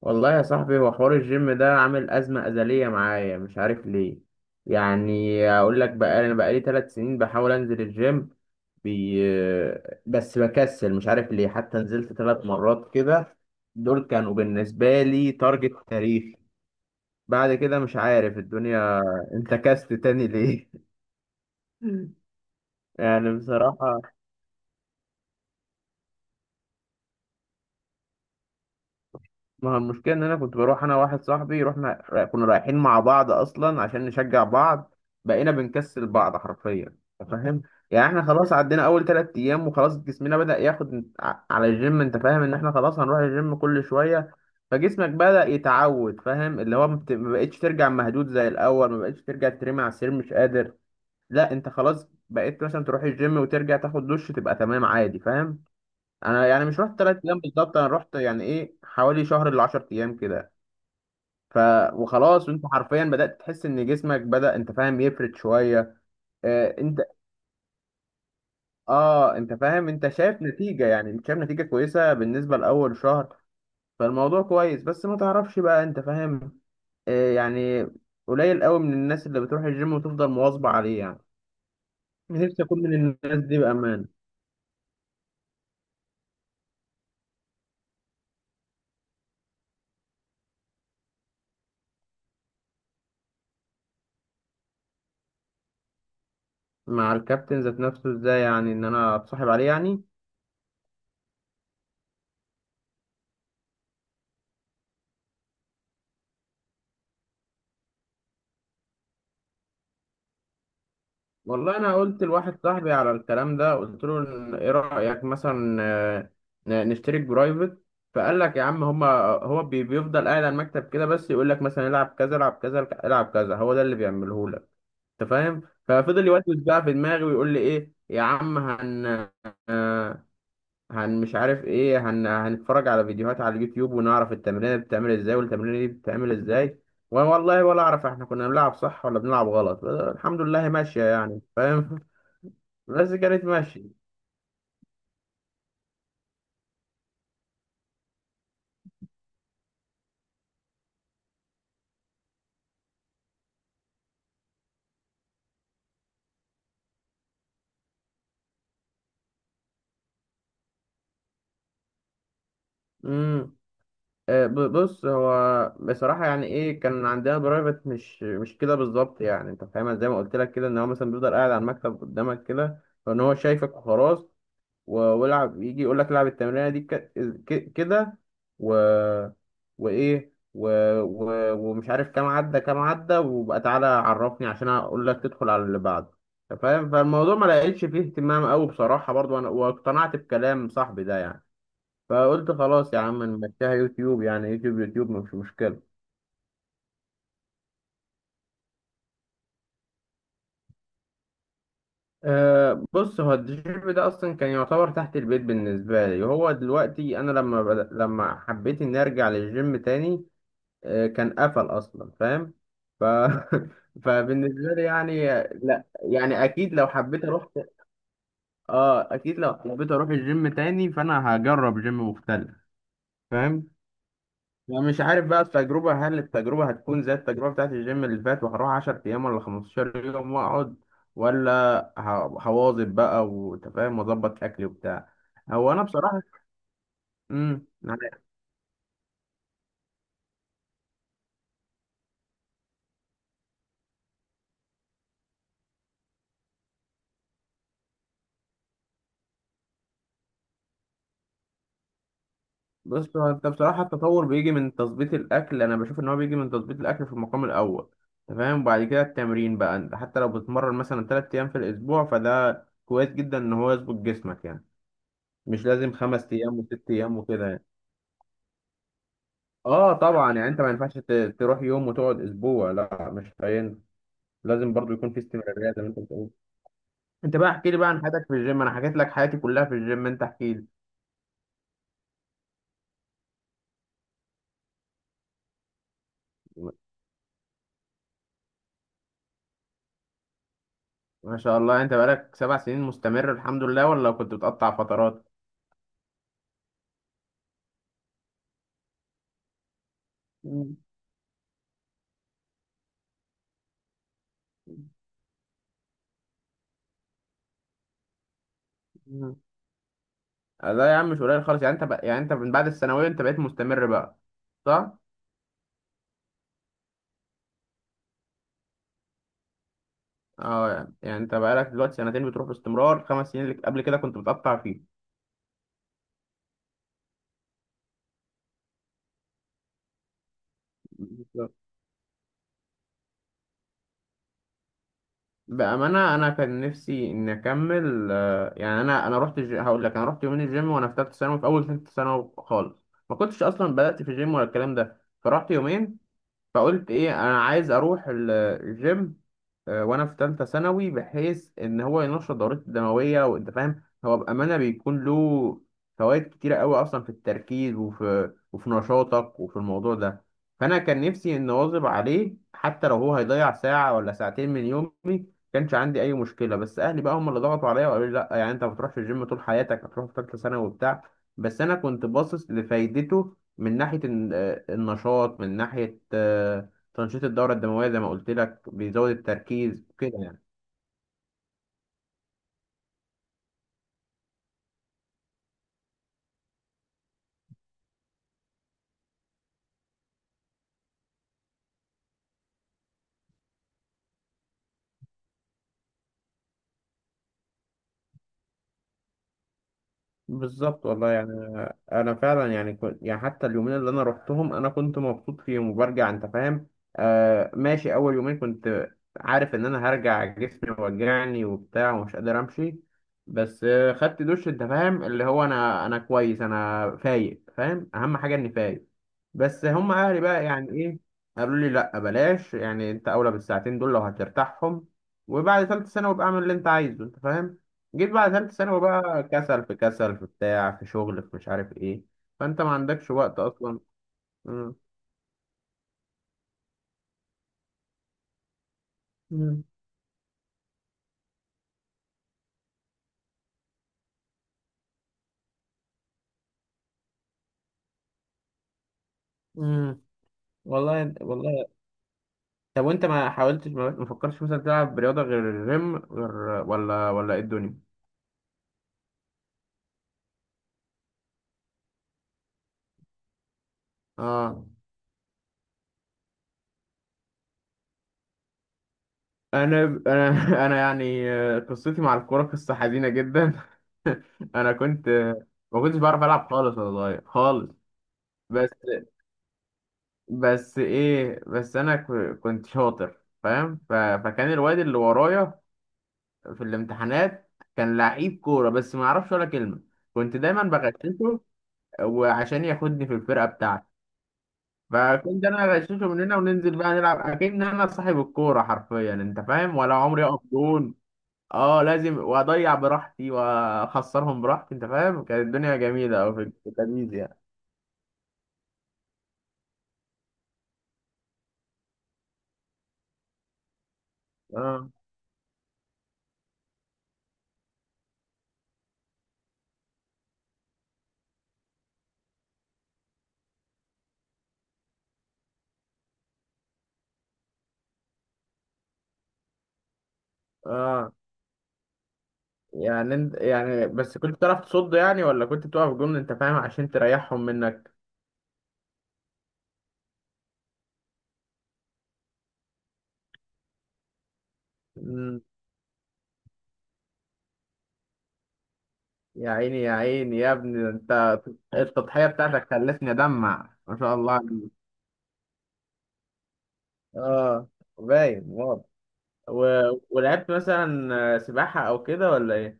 والله يا صاحبي هو حوار الجيم ده عامل أزمة أزلية معايا، مش عارف ليه. يعني أقول لك بقى، أنا بقالي 3 سنين بحاول أنزل الجيم بي... بس بكسل مش عارف ليه. حتى نزلت 3 مرات كده، دول كانوا بالنسبة لي تارجت تاريخي. بعد كده مش عارف الدنيا انتكست تاني ليه. يعني بصراحة، ما هو المشكلة إن أنا كنت بروح أنا واحد صاحبي، كنا رايحين مع بعض أصلا عشان نشجع بعض. بقينا بنكسل بعض حرفيا، أنت فاهم؟ يعني إحنا خلاص عدينا أول 3 أيام، وخلاص جسمنا بدأ ياخد على الجيم. أنت فاهم إن إحنا خلاص هنروح الجيم كل شوية؟ فجسمك بدأ يتعود، فاهم؟ اللي هو ما بقتش ترجع مهدود زي الأول، ما بقتش ترجع ترمي على السرير مش قادر. لا أنت خلاص بقيت مثلا تروح الجيم وترجع تاخد دش تبقى تمام عادي، فاهم؟ انا يعني مش رحت 3 ايام بالظبط، انا رحت يعني ايه حوالي شهر ل 10 ايام كده. ف وخلاص انت حرفيا بدات تحس ان جسمك بدا، انت فاهم، يفرد شويه. آه انت. اه انت فاهم؟ انت شايف نتيجه، يعني انت شايف نتيجه كويسه بالنسبه لاول شهر. فالموضوع كويس، بس ما تعرفش بقى، انت فاهم. يعني قليل قوي من الناس اللي بتروح الجيم وتفضل مواظبه عليه يعني. نفسي اكون من الناس دي بامان. مع الكابتن ذات نفسه؟ ازاي يعني، ان انا اتصاحب عليه يعني؟ والله انا قلت لواحد صاحبي على الكلام ده، قلت له ايه رايك مثلا، نشترك برايفت؟ فقال لك يا عم، هما هو بيفضل قاعد على المكتب كده بس يقول لك مثلا العب كذا، العب كذا، العب كذا، هو ده اللي بيعمله لك. انت فاهم؟ ففضل يوسوس بقى في دماغي ويقول لي ايه يا عم، آه، مش عارف ايه، هنتفرج على فيديوهات على اليوتيوب ونعرف التمرين دي بتتعمل ازاي، والتمرين دي بتتعمل ازاي. وانا والله ولا اعرف احنا كنا بنلعب صح ولا بنلعب غلط. الحمد لله ماشيه يعني، فاهم. لا سيجاريت ماشي. امم بص هو بصراحة يعني ايه، كان عندنا برايفت، مش كده بالظبط. يعني انت فاهمها زي ما قلت لك كده، ان هو مثلا بيفضل قاعد على المكتب قدامك كده، فان هو شايفك وخلاص. والعب، يجي يقول لك العب التمرينة دي كده. و وايه ومش عارف كام عدى كام عدى، وبقى تعالى عرفني عشان اقول لك تدخل على اللي بعده. أنت فاهم؟ فالموضوع ما لقيتش فيه اهتمام قوي بصراحة، برضو انا واقتنعت بكلام صاحبي ده يعني. فقلت خلاص يا عم نمشيها يوتيوب، يعني يوتيوب يوتيوب مش مشكلة. أه بص هو الجيم ده أصلا كان يعتبر تحت البيت بالنسبة لي، وهو دلوقتي أنا لما حبيت إني أرجع للجيم تاني، أه كان قفل أصلا، فاهم. ف... فبالنسبة لي يعني. لا يعني أكيد لو حبيت أروح الجيم تاني فأنا هجرب جيم مختلف، فاهم. يعني مش عارف بقى، هل التجربة هتكون زي التجربة بتاعت الجيم اللي فات، وهروح 10 أيام ولا 15 يوم وأقعد، ولا ه- هواظب بقى وأنت فاهم وأظبط أكلي وبتاع. هو أنا بصراحة. امم بص هو، أنت بصراحة التطور بيجي من تظبيط الأكل. أنا بشوف إن هو بيجي من تظبيط الأكل في المقام الأول. أنت فاهم، وبعد كده التمرين بقى، أنت حتى لو بتتمرن مثلا 3 أيام في الأسبوع، فده كويس جدا إن هو يظبط جسمك يعني. مش لازم 5 أيام وست أيام وكده يعني. اه طبعا يعني انت ما ينفعش تروح يوم وتقعد اسبوع، لا مش هينفع. لازم برضو يكون في استمرارية زي ما انت بتقول. انت بقى احكي لي بقى عن حياتك في الجيم، انا حكيت لك حياتي كلها في الجيم، انت احكي لي. ما شاء الله، انت بقالك 7 سنين مستمر الحمد لله، ولا كنت بتقطع فترات؟ مم. مم. لا يا عم مش قليل خالص يعني. انت بقى يعني، انت من بعد الثانوية انت بقيت مستمر بقى، صح؟ اه يعني يعني انت بقالك دلوقتي سنتين بتروح باستمرار، 5 سنين اللي قبل كده كنت بتقطع فيه. بأمانة أنا كان نفسي إني أكمل، يعني هقول لك أنا رحت يومين الجيم وأنا في تالتة ثانوي، في أول تالتة ثانوي خالص، ما كنتش أصلا بدأت في الجيم ولا الكلام ده. فرحت يومين فقلت إيه، أنا عايز أروح الجيم، وانا في ثالثه ثانوي، بحيث ان هو ينشط دورته الدمويه، وانت فاهم. هو بامانه بيكون له فوائد كتيره قوي اصلا في التركيز وفي نشاطك وفي الموضوع ده. فانا كان نفسي ان اواظب عليه حتى لو هو هيضيع ساعه ولا ساعتين من يومي، كانش عندي اي مشكله. بس اهلي بقى هم اللي ضغطوا عليا وقالوا لي لا، يعني انت ما بتروحش الجيم طول حياتك هتروح في ثالثه ثانوي وبتاع. بس انا كنت باصص لفايدته من ناحيه النشاط، من ناحيه تنشيط الدورة الدموية، زي ما قلت لك بيزود التركيز كده يعني. بالظبط والله يعني، انا فعلا يعني كنت يعني، حتى اليومين اللي انا روحتهم انا كنت مبسوط فيهم وبرجع، انت فاهم. آه ماشي، اول يومين كنت عارف ان انا هرجع جسمي وجعني وبتاع ومش قادر امشي، بس خدت دش، انت فاهم، اللي هو انا كويس، انا فايق، فاهم. اهم حاجه اني فايق. بس هم اهلي بقى يعني ايه، قالوا لي لا بلاش. يعني انت اولى بالساعتين دول لو هترتاحهم، وبعد ثالث سنه وابقى اعمل اللي انت عايزه، انت فاهم. جيت بعد ثالثة ثانوي بقى، كسل في كسل في بتاع في شغل في مش عارف ايه، فانت ما عندكش وقت اصلا. مم. مم. مم. والله والله. طب وانت ما حاولتش، ما فكرتش مثلا تلعب رياضة غير الجيم، غير ولا ايه الدنيا؟ اه انا انا يعني، قصتي مع الكورة قصة حزينة جدا. انا كنت، ما كنتش بعرف العب خالص وانا صغير خالص. بس بس انا كنت شاطر، فاهم؟ فكان الواد اللي ورايا في الامتحانات كان لعيب كورة بس ما يعرفش ولا كلمة. كنت دايما بغششه، وعشان ياخدني في الفرقة بتاعتي فكنت انا اغششه من هنا، وننزل بقى نلعب اكن انا صاحب الكورة حرفيا، انت فاهم؟ ولا عمري اقف جون. اه لازم، واضيع براحتي واخسرهم براحتي، انت فاهم؟ كانت الدنيا جميلة او في التمييز يعني. اه. اه يعني انت يعني، بس كنت بتعرف تصد يعني ولا كنت بتقف جون، انت فاهم، عشان تريحهم منك؟ يا عيني يا عيني يا ابني، ده انت، التضحية بتاعتك خلتني ادمع، ما شاء الله عليك. اه، باين واضح. و... ولعبت مثلا، سباحة او كده ولا ايه؟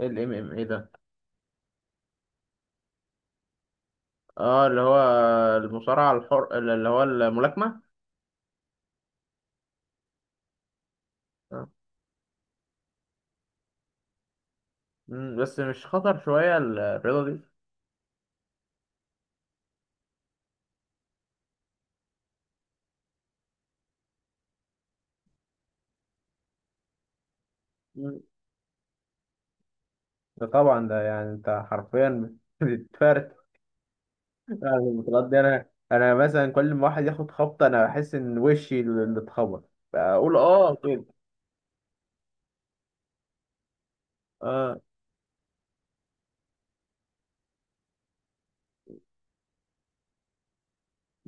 ايه الام ام ايه ده؟ اه اللي هو المصارعة الحر اللي هو الملاكمة. آه. مم، بس مش خطر شوية الرياضة دي؟ مم. ده طبعا ده يعني، انت حرفيا بتتفرد. يعني البطولات دي، انا مثلا كل ما واحد ياخد خبطة انا بحس ان وشي اللي اتخبط، بقول اه كده. اه.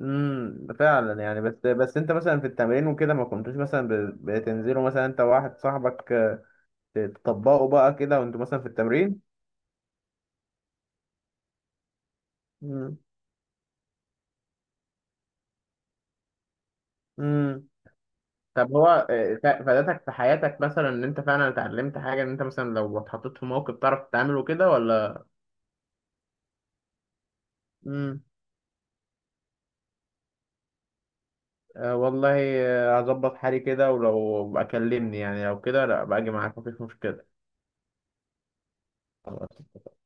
فعلا يعني. بس انت مثلا في التمرين وكده، ما كنتوش مثلا بتنزلوا مثلا انت وواحد صاحبك، تطبقوا بقى كده، وانتوا مثلا في التمرين؟ امم. امم. طب هو، فادتك في حياتك، مثلا ان انت فعلا اتعلمت حاجه، ان انت مثلا لو اتحطيت في موقف تعرف تتعامل وكده ولا؟ امم. آه والله، هظبط حالي كده، ولو بقى كلمني. يعني لو كده، لا باجي معاك مفيش مشكله. خلاص.